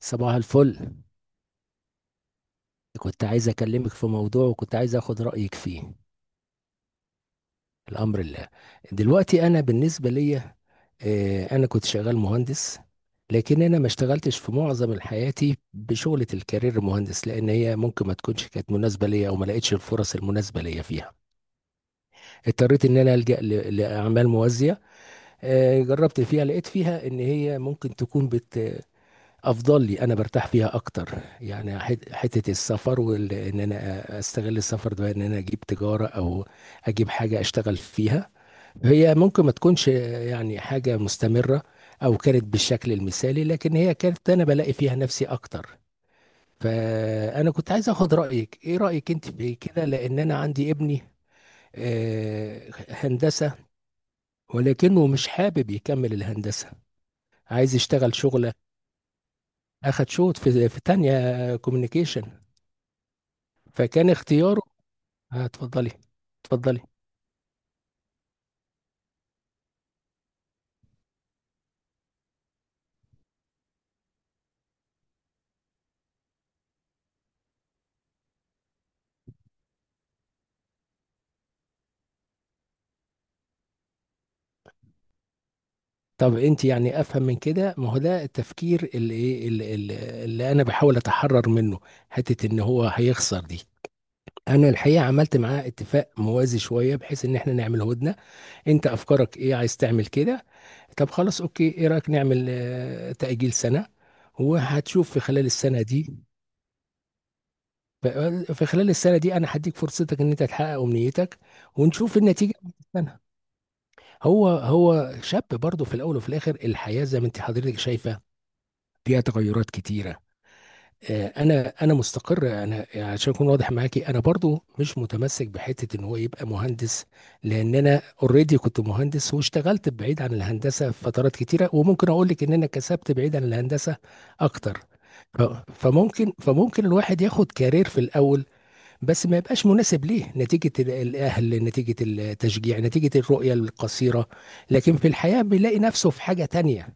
صباح الفل. كنت عايز اكلمك في موضوع، وكنت عايز اخد رأيك فيه. الامر الله. دلوقتي انا بالنسبة ليا، انا كنت شغال مهندس، لكن انا ما اشتغلتش في معظم حياتي بشغلة الكارير مهندس، لان هي ممكن ما تكونش كانت مناسبة ليا، او ما لقيتش الفرص المناسبة ليا فيها. اضطريت ان انا الجأ لاعمال موازية. جربت فيها، لقيت فيها ان هي ممكن تكون بت افضل لي، انا برتاح فيها اكتر يعني حته السفر، وان انا استغل السفر ده ان انا اجيب تجاره، او اجيب حاجه اشتغل فيها. هي ممكن ما تكونش يعني حاجه مستمره او كانت بالشكل المثالي، لكن هي كانت انا بلاقي فيها نفسي اكتر. فانا كنت عايز اخد رايك، ايه رايك انت في كده؟ لان انا عندي ابني، هندسه، ولكنه مش حابب يكمل الهندسه، عايز يشتغل شغله. اخد شوط في تانية كوميونيكيشن، فكان اختياره. اتفضلي. اتفضلي. طب انت يعني افهم من كده ما هو ده التفكير، اللي ايه اللي, اللي اللي انا بحاول اتحرر منه؟ حته ان هو هيخسر دي. انا الحقيقه عملت معاه اتفاق موازي شويه بحيث ان احنا نعمل هدنه. انت افكارك ايه؟ عايز تعمل كده؟ طب خلاص، اوكي، ايه رايك نعمل تاجيل سنه، وهتشوف في خلال السنه دي. ف- في خلال السنه دي انا هديك فرصتك ان انت تحقق امنيتك، ونشوف النتيجه. هو شاب برضه، في الاول وفي الاخر الحياه زي ما انت حضرتك شايفه، فيها تغيرات كتيره. انا مستقر، انا عشان اكون واضح معاكي انا برضه مش متمسك بحته ان هو يبقى مهندس، لان انا اوريدي كنت مهندس واشتغلت بعيد عن الهندسه في فترات كتيره، وممكن اقول لك ان انا كسبت بعيد عن الهندسه اكتر. ف- فممكن الواحد ياخد كارير في الاول، بس ما يبقاش مناسب ليه، نتيجة الأهل، نتيجة التشجيع، نتيجة الرؤية القصيرة، لكن في الحياة بيلاقي نفسه في حاجة تانية.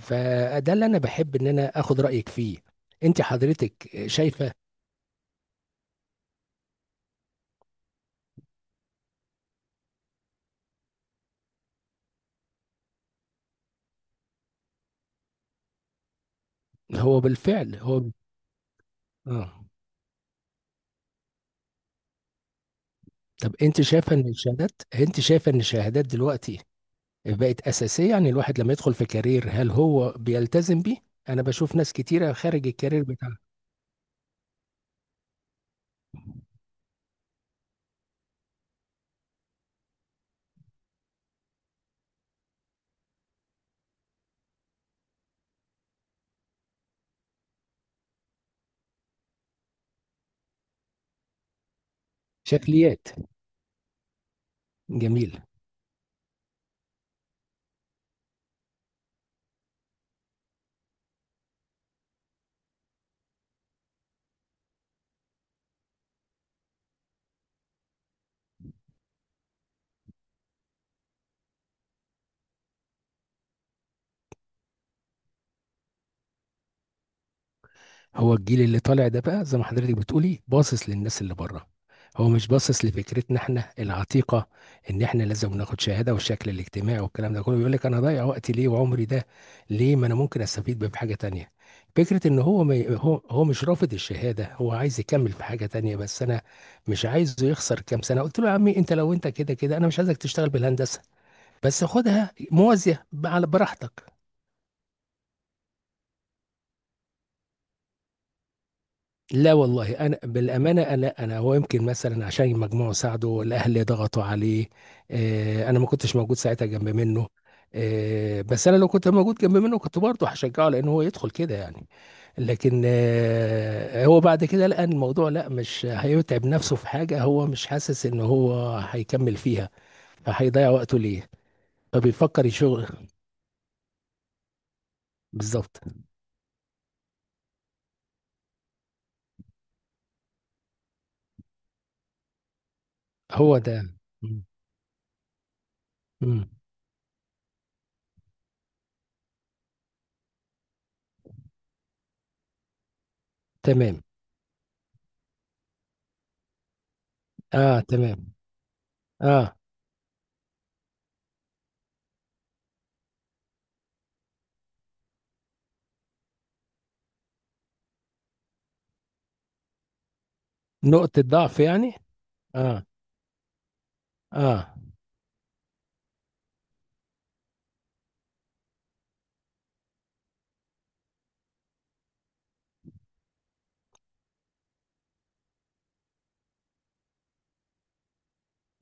فده اللي أنا بحب إن أنا أخد رأيك فيه. أنت حضرتك شايفة. هو بالفعل هو. آه. طب أنت شايفة إن الشهادات، دلوقتي بقت أساسية؟ يعني الواحد لما يدخل في كارير هل هو بيلتزم بيه؟ أنا بشوف ناس كتيرة خارج الكارير بتاعها. شكليات. جميل. هو الجيل اللي طالع ده بقى زي ما حضرتك بتقولي باصص للناس اللي بره، هو مش باصص لفكرتنا احنا العتيقه ان احنا لازم ناخد شهاده، والشكل الاجتماعي والكلام ده كله بيقول لك انا ضايع وقتي ليه، وعمري ده ليه، ما انا ممكن استفيد بيه في حاجه تانية. فكره ان هو ما ي- هو مش رافض الشهاده، هو عايز يكمل في حاجه تانية، بس انا مش عايزه يخسر كام سنه. قلت له يا عمي انت لو انت كده كده انا مش عايزك تشتغل بالهندسه، بس خدها موازيه على براحتك. لا والله انا بالامانه، انا هو يمكن مثلا عشان المجموع ساعده والاهل ضغطوا عليه. انا ما كنتش موجود ساعتها جنب منه. بس انا لو كنت موجود جنب منه كنت برضه هشجعه، لان هو يدخل كده يعني. لكن هو بعد كده لقى إن الموضوع، لا مش هيتعب نفسه في حاجه هو مش حاسس ان هو هيكمل فيها، فهيضيع وقته ليه. فبيفكر يشغل. بالظبط. هو ده. مم. مم. تمام. اه، تمام. اه. نقطه ضعف يعني. اه. اه.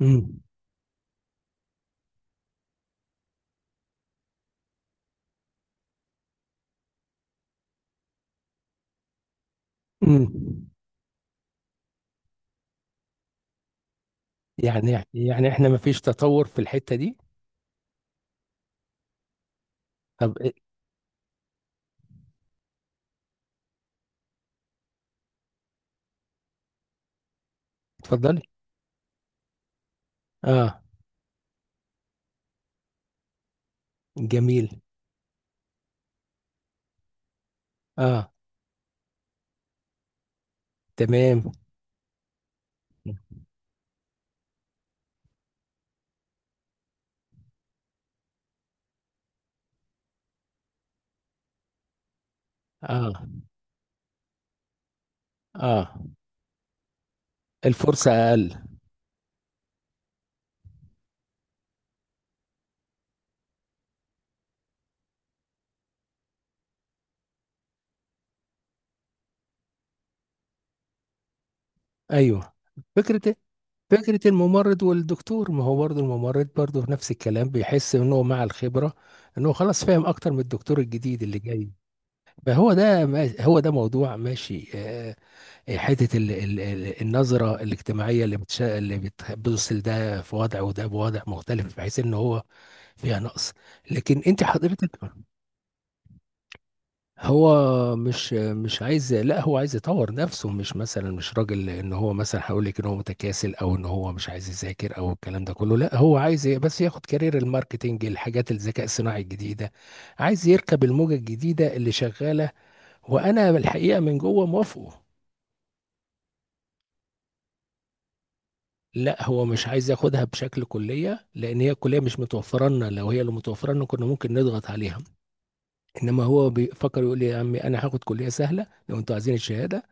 امم. امم. يعني احنا ما فيش تطور في الحتة دي. طب إيه؟ اتفضلي. اه. جميل. اه، تمام. اه. اه. الفرصة اقل. ايوه. فكرة إيه؟ فكرة الممرض والدكتور، ما هو برضه الممرض برضه نفس الكلام، بيحس انه مع الخبرة انه خلاص فاهم اكتر من الدكتور الجديد اللي جاي. فهو ده هو ده موضوع ماشي، حته النظره الاجتماعيه اللي بتش... اللي بتح- بتوصل ده في وضع، وده بوضع مختلف، بحيث ان هو فيها نقص. لكن انت حضرتك، هو مش عايز، لا هو عايز يطور نفسه، مش مثلا مش راجل، ان هو مثلا هقول لك ان هو متكاسل، او ان هو مش عايز يذاكر، او الكلام ده كله، لا هو عايز بس ياخد كارير الماركتينج، الحاجات الذكاء الصناعي الجديده، عايز يركب الموجه الجديده اللي شغاله، وانا الحقيقه من جوه موافقه. لا هو مش عايز ياخدها بشكل كلية، لأن هي الكلية مش متوفرة لنا، لو هي اللي متوفرة لنا كنا ممكن نضغط عليها. إنما هو بيفكر يقول لي يا عمي أنا هاخد كلية سهلة لو أنتوا عايزين الشهادة،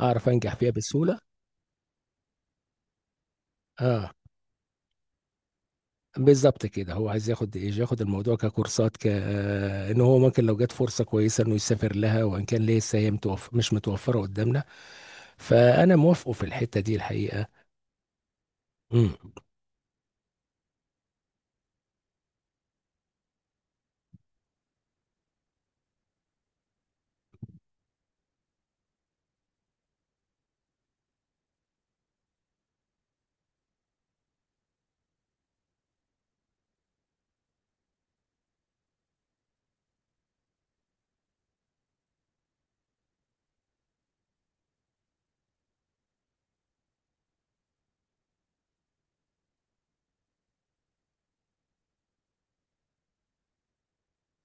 أعرف أنجح فيها بسهولة. آه، بالظبط كده. هو عايز ياخد إيه، ياخد الموضوع ككورسات، إن هو ممكن لو جت فرصة كويسة إنه يسافر لها، وإن كان لسه هي متوفر مش متوفرة قدامنا. فأنا موافقه في الحتة دي الحقيقة. مم.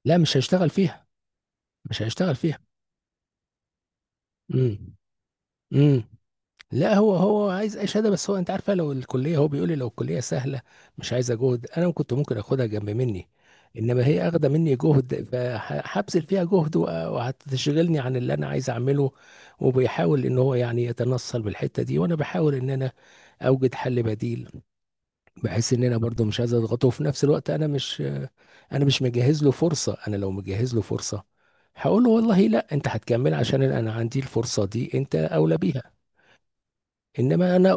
لا مش هيشتغل فيها. مش هيشتغل فيها. مم. مم. لا هو عايز اي شهاده، بس هو انت عارفه لو الكليه، هو بيقول لي لو الكليه سهله مش عايزه جهد، انا كنت ممكن اخدها جنب مني. انما هي اخده مني جهد، فهبذل فيها جهد، وهتشغلني عن اللي انا عايز اعمله. وبيحاول ان هو يعني يتنصل بالحته دي، وانا بحاول ان انا اوجد حل بديل، بحيث ان انا برضه مش عايز اضغطه، وفي نفس الوقت انا مش، انا مش مجهز له فرصه. انا لو مجهز له فرصه هقول له والله لا انت هتكمل، عشان انا عندي الفرصه دي انت اولى بيها. انما انا.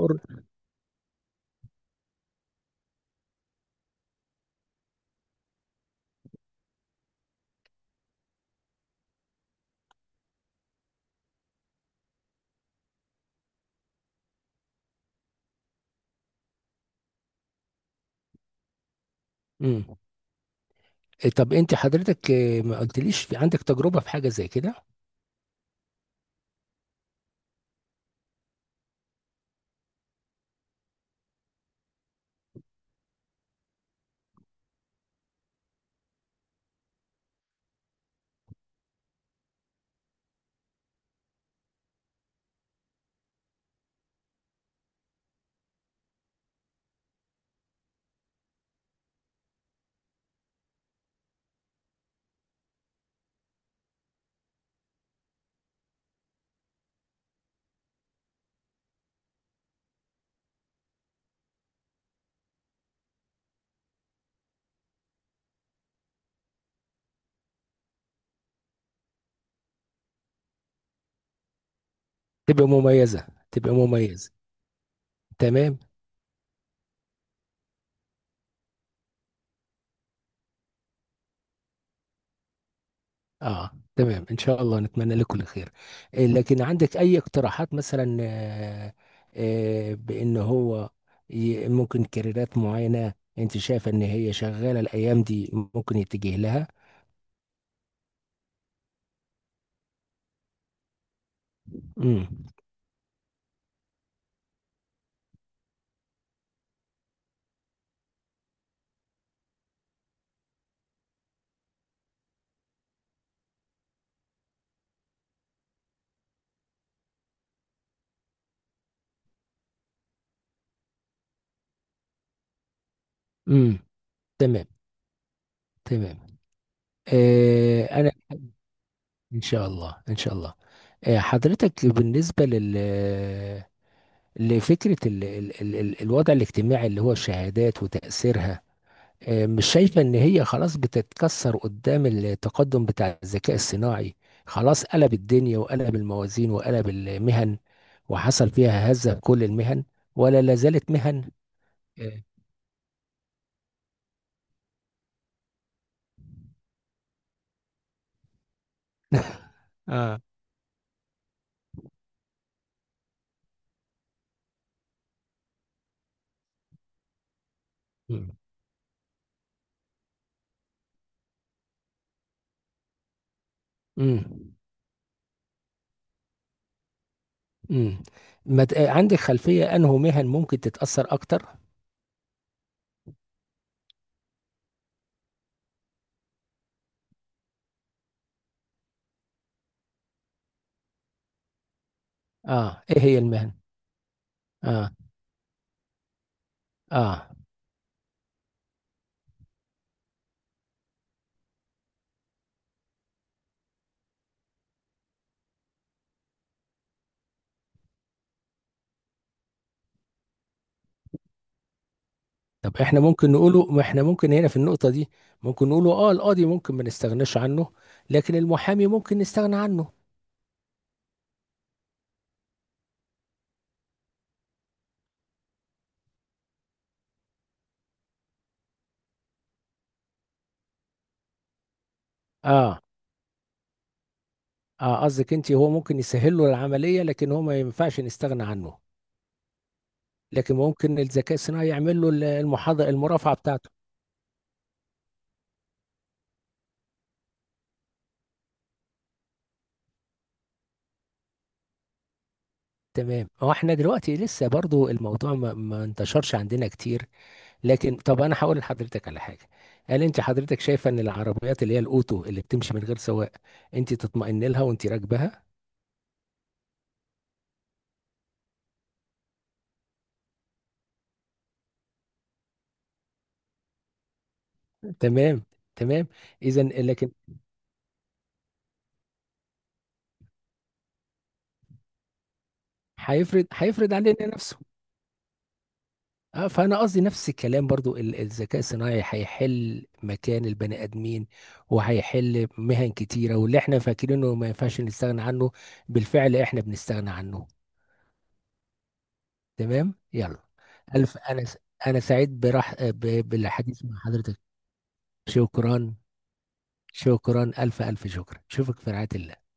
امم. طب انت حضرتك، ما قلتليش، في عندك تجربة في حاجة زي كده؟ تبقى مميزة، تبقى مميزة. تمام. اه، تمام ان شاء الله، نتمنى لك كل خير. لكن عندك اي اقتراحات مثلا؟ بان هو ممكن كاريرات معينة انت شايفة ان هي شغالة الايام دي ممكن يتجه لها؟ امم. امم. تمام. تمام. آه، انا. ان شاء الله، ان شاء الله. آه، حضرتك بالنسبه لل، لفكرة ال ال ال ال الوضع الاجتماعي اللي هو الشهادات وتأثيرها، مش شايفة ان هي خلاص بتتكسر قدام التقدم بتاع الذكاء الصناعي؟ خلاص قلب الدنيا وقلب الموازين وقلب المهن، وحصل فيها هزة في كل المهن، ولا لازالت مهن؟ إيه. اه. مم. مم. مم. ما ت- عندك خلفية انه مهن ممكن تتأثر اكتر؟ اه، ايه هي المهن؟ اه. اه. طب احنا ممكن نقوله، ما احنا ممكن هنا في النقطة دي ممكن نقوله، اه القاضي ممكن ما نستغناش عنه، لكن المحامي ممكن نستغنى عنه. اه. اه، قصدك انت هو ممكن يسهل له العملية، لكن هو ما ينفعش نستغنى عنه، لكن ممكن الذكاء الصناعي يعمل له المحاضرة المرافعة بتاعته. تمام. هو احنا دلوقتي لسه برضو الموضوع ما انتشرش عندنا كتير، لكن طب انا هقول لحضرتك على حاجة. هل انت حضرتك شايفة ان العربيات اللي هي الاوتو اللي بتمشي من غير سواق، انت تطمئن لها وانت راكبها؟ تمام. تمام. اذا، لكن هيفرض علينا نفسه. اه، فانا قصدي نفس الكلام، برضو الذكاء الصناعي هيحل مكان البني ادمين، وهيحل مهن كتيره، واللي احنا فاكرينه ما ينفعش نستغنى عنه بالفعل احنا بنستغنى عنه. تمام يلا. الف انا سعيد بالحديث مع حضرتك. شكرا. شكرا، الف الف شكرا، اشوفك في رعايه الله.